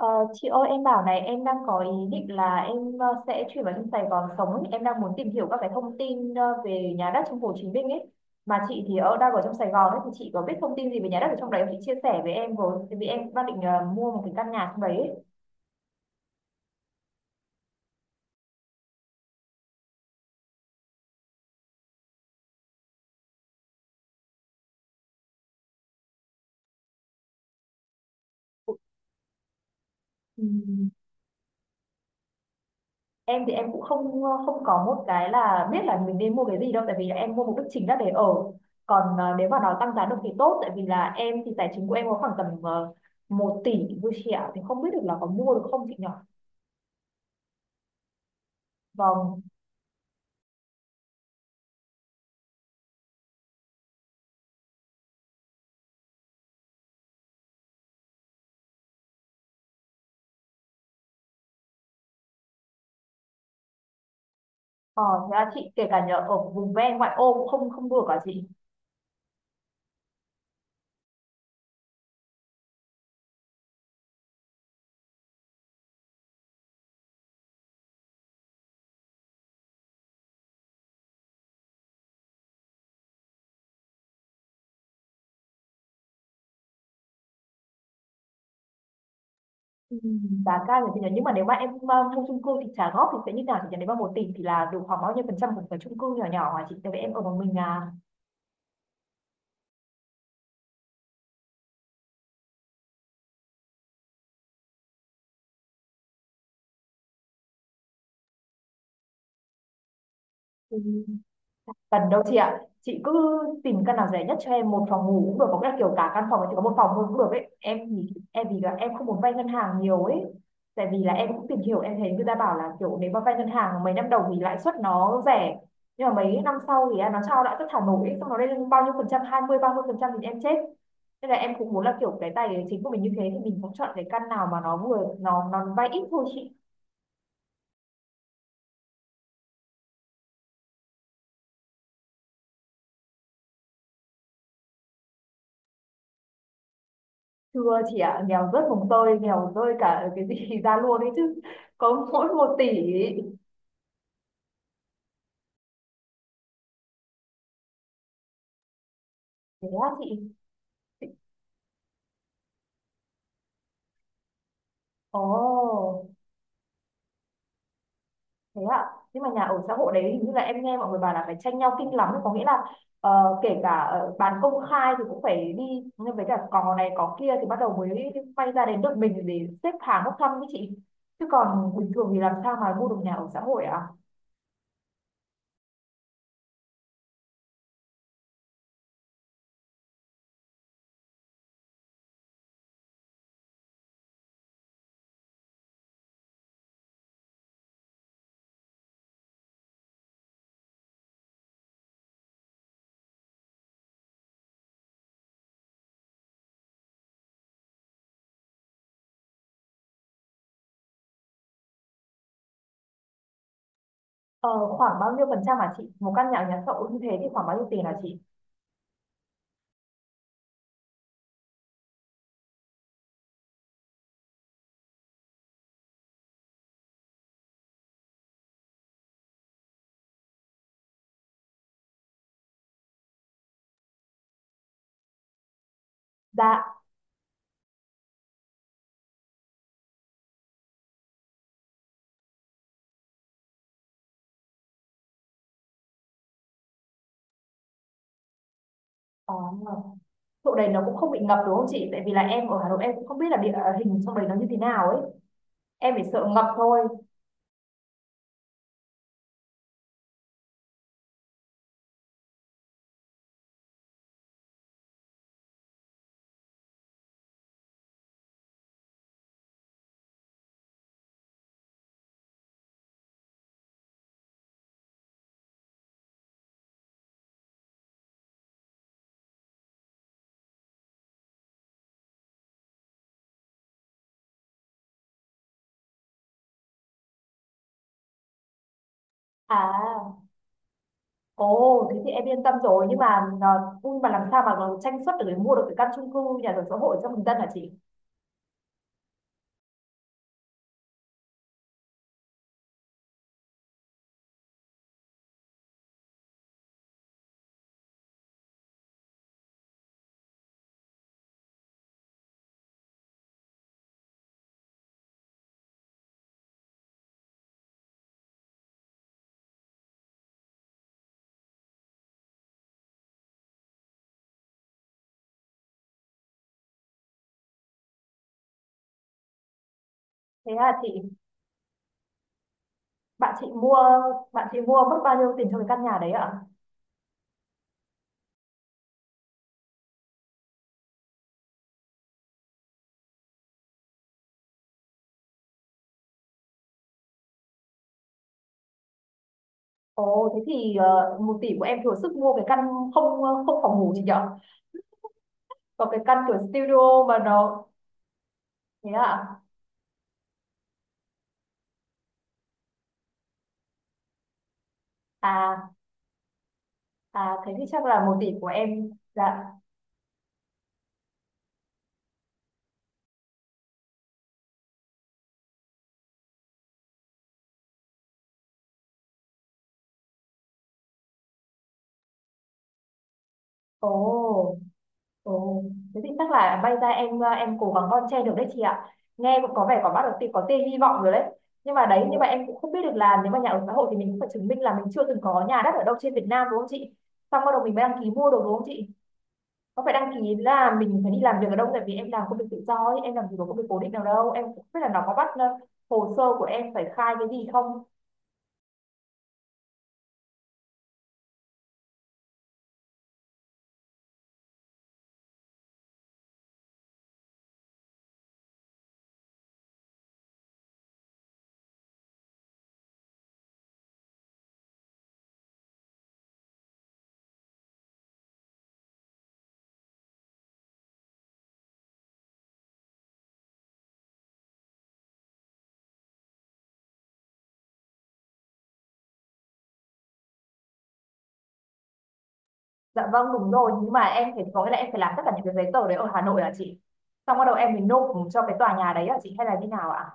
Ờ, chị ơi, em bảo này, em đang có ý định là em sẽ chuyển vào trong Sài Gòn sống ấy. Em đang muốn tìm hiểu các cái thông tin về nhà đất trong Hồ Chí Minh ấy, mà chị thì ở, đang ở trong Sài Gòn ấy, thì chị có biết thông tin gì về nhà đất ở trong đấy không, chị chia sẻ với em với, tại vì em đang định mua một cái căn nhà trong đấy ấy. Ừm, em thì em cũng không có một cái là biết là mình nên mua cái gì đâu, tại vì là em mua mục đích chính là để ở, còn nếu mà nó tăng giá được thì tốt, tại vì là em thì tài chính của em có khoảng tầm một tỷ vui chị ạ, thì không biết được là có mua được không chị nhỉ? Vâng. ờ, Thế là chị, kể cả nhờ ở vùng ven ngoại ô cũng không, không đùa cả chị? Ừ. Giá cao thì nhờ, nhưng mà nếu mà em mua chung cư thì trả góp thì sẽ như nào thì nhờ, nếu mà 1 tỷ thì là được khoảng bao nhiêu phần trăm một cái chung cư nhỏ nhỏ hả chị, tại vì em ở một mình à? Ừ. Cần đâu chị ạ, chị cứ tìm căn nào rẻ nhất cho em, một phòng ngủ cũng được, có nghĩa là kiểu cả căn phòng ấy chỉ có một phòng thôi cũng được ấy em, thì em vì là em không muốn vay ngân hàng nhiều ấy, tại vì là em cũng tìm hiểu, em thấy người ta bảo là kiểu nếu mà vay ngân hàng mấy năm đầu thì lãi suất nó rẻ, nhưng mà mấy năm sau thì nó cho lãi suất thả nổi ấy, xong nó lên bao nhiêu phần trăm, 20, 30% thì em chết, nên là em cũng muốn là kiểu cái tài chính của mình như thế thì mình cũng chọn cái căn nào mà nó vừa, nó vay ít thôi chị. Thưa chị ạ, nghèo rớt mồng tơi, nghèo rơi cả cái gì ra luôn ấy chứ. Có mỗi 1 tỷ. Thế á chị? Ồ, thế ạ. Nhưng mà nhà ở xã hội đấy hình như là em nghe mọi người bảo là phải tranh nhau kinh lắm. Có nghĩa là kể cả bán công khai thì cũng phải đi, nhưng với cả cò này cò kia thì bắt đầu mới quay ra đến được mình để xếp hàng bốc thăm với chị. Chứ còn bình thường thì làm sao mà mua được nhà ở xã hội ạ? Ờ, Khoảng bao nhiêu phần trăm hả chị? Một căn nhà ở nhà xã hội như thế thì khoảng bao nhiêu tiền hả chị? Dạ. Ờ. Chỗ đấy nó cũng không bị ngập đúng không chị? Tại vì là em ở Hà Nội em cũng không biết là địa hình trong đấy nó như thế nào ấy. Em chỉ sợ ngập thôi. À, ồ, thế thì em yên tâm rồi. Nhưng mà nó, nhưng mà làm sao mà nó tranh suất được để mua được cái căn chung cư nhà ở xã hội cho bình dân hả chị? Thế là chị, bạn chị mua, bạn chị mua mất bao nhiêu tiền cho cái căn nhà đấy ạ? Ồ, thế thì 1 tỷ của em thừa sức mua cái căn không, không phòng ngủ gì nhở? Còn cái căn kiểu studio mà nó thế ạ? À, à, thế thì chắc là 1 tỷ của em dạ. Ồ, ồ, thế thì chắc là bay ra, em em cố gắng bon chen được đấy chị ạ. Nghe cũng có vẻ có bắt đầu có tia hy vọng rồi đấy. Nhưng mà đấy, nhưng mà em cũng không biết được là nếu mà nhà ở xã hội thì mình cũng phải chứng minh là mình chưa từng có nhà đất ở đâu trên Việt Nam đúng không chị? Xong bắt đầu mình mới đăng ký mua đồ đúng không chị? Có phải đăng ký là mình phải đi làm việc ở đâu, tại vì em làm công việc tự do ấy, em làm gì có công việc cố định nào đâu. Em cũng không biết là nó có bắt hồ sơ của em phải khai cái gì không. Dạ vâng, đúng rồi, nhưng mà em phải, có nghĩa là em phải làm tất cả những cái giấy tờ đấy ở Hà Nội hả chị? Xong bắt đầu em mới nộp cho cái tòa nhà đấy hả chị, hay là như nào ạ?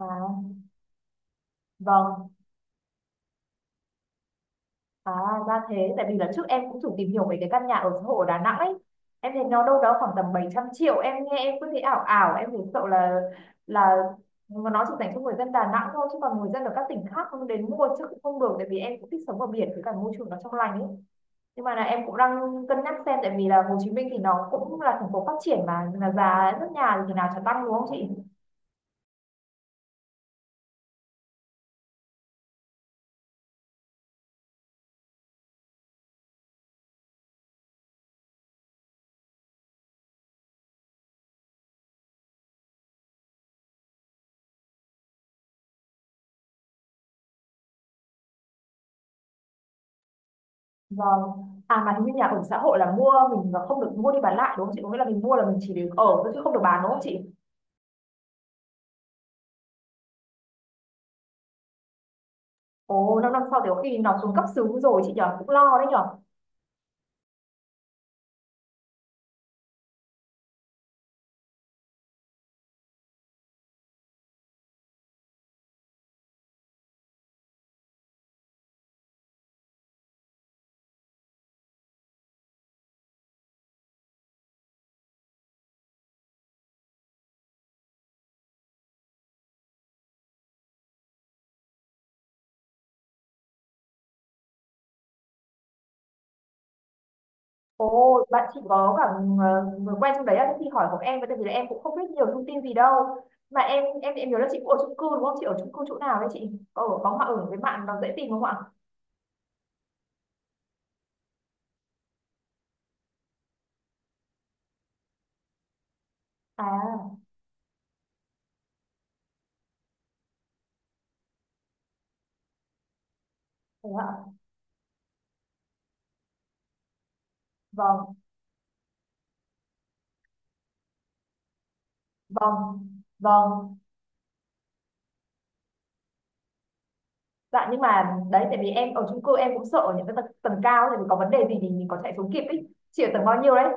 À vâng, à ra thế, tại vì là trước em cũng thử tìm hiểu về cái căn nhà ở xã hội ở Đà Nẵng ấy. Em thấy nó đâu đó khoảng tầm 700 triệu, em nghe em cứ thấy ảo ảo, em thấy sợ là là mà nó chỉ dành cho người dân Đà Nẵng thôi, chứ còn người dân ở các tỉnh khác không đến mua chứ cũng không được, tại vì em cũng thích sống ở biển với cả môi trường nó trong lành ấy, nhưng mà là em cũng đang cân nhắc xem, tại vì là Hồ Chí Minh thì nó cũng là thành phố phát triển, mà là giá nước nhà thì thế nào chả tăng đúng không chị? Vâng. À, mà hình như nhà ở xã hội là mua mình là không được mua đi bán lại đúng không chị, có nghĩa là mình mua là mình chỉ được ở thôi chứ không được bán đúng không chị? Ồ, 5 năm sau thì có khi nó xuống cấp xứ rồi chị nhở, cũng lo đấy nhở. Ồ, bạn chị có cả người quen trong đấy á, thế thì hỏi của em với, tại vì là em cũng không biết nhiều thông tin gì đâu, mà em nhớ là chị cũng ở chung cư đúng không, chị ở chung cư chỗ nào đấy, chị có ở, có mà ở với bạn nó dễ tìm không ạ? À, thế ạ. Vâng. Vâng, vâng. Dạ, nhưng mà đấy tại vì em ở chung cư em cũng sợ những cái tầng cao, tại vì có vấn đề gì thì mình có chạy xuống kịp ấy. Chị ở tầng bao nhiêu đấy?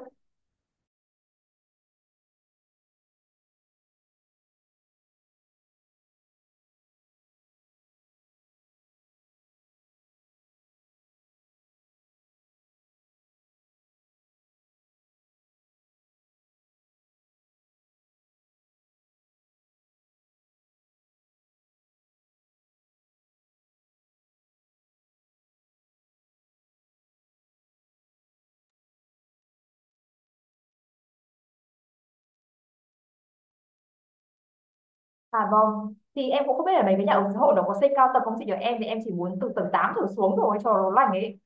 À vâng. Thì em cũng không biết ở đấy với nhà ở xã hội nó có xây cao tầng không chị nhỉ? Em thì em chỉ muốn từ tầng 8 trở xuống rồi cho nó lành ấy.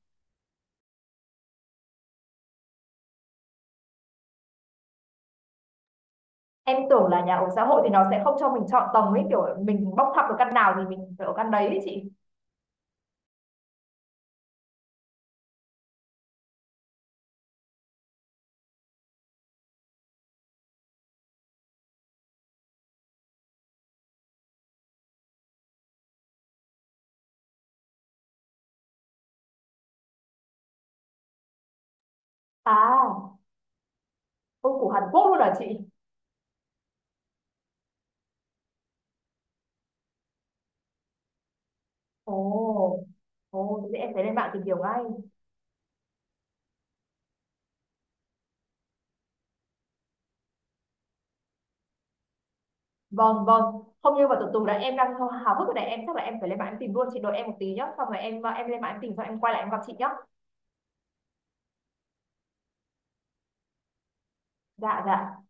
Em tưởng là nhà ở xã hội thì nó sẽ không cho mình chọn tầng ấy, kiểu mình bóc thăm được căn nào thì mình phải ở căn đấy ấy chị. À, ô, của Hàn Quốc luôn hả chị? Ồ. Ồ, thế thì em phải lên mạng tìm hiểu ngay. Vâng, vâng. Không, như mà từ từ đã, em đang hào hào hức rồi này, em chắc là em phải lên mạng em tìm luôn, chị đợi em một tí nhá. Xong rồi em lên mạng em tìm xong em quay lại em gặp chị nhá. Dạ dạ.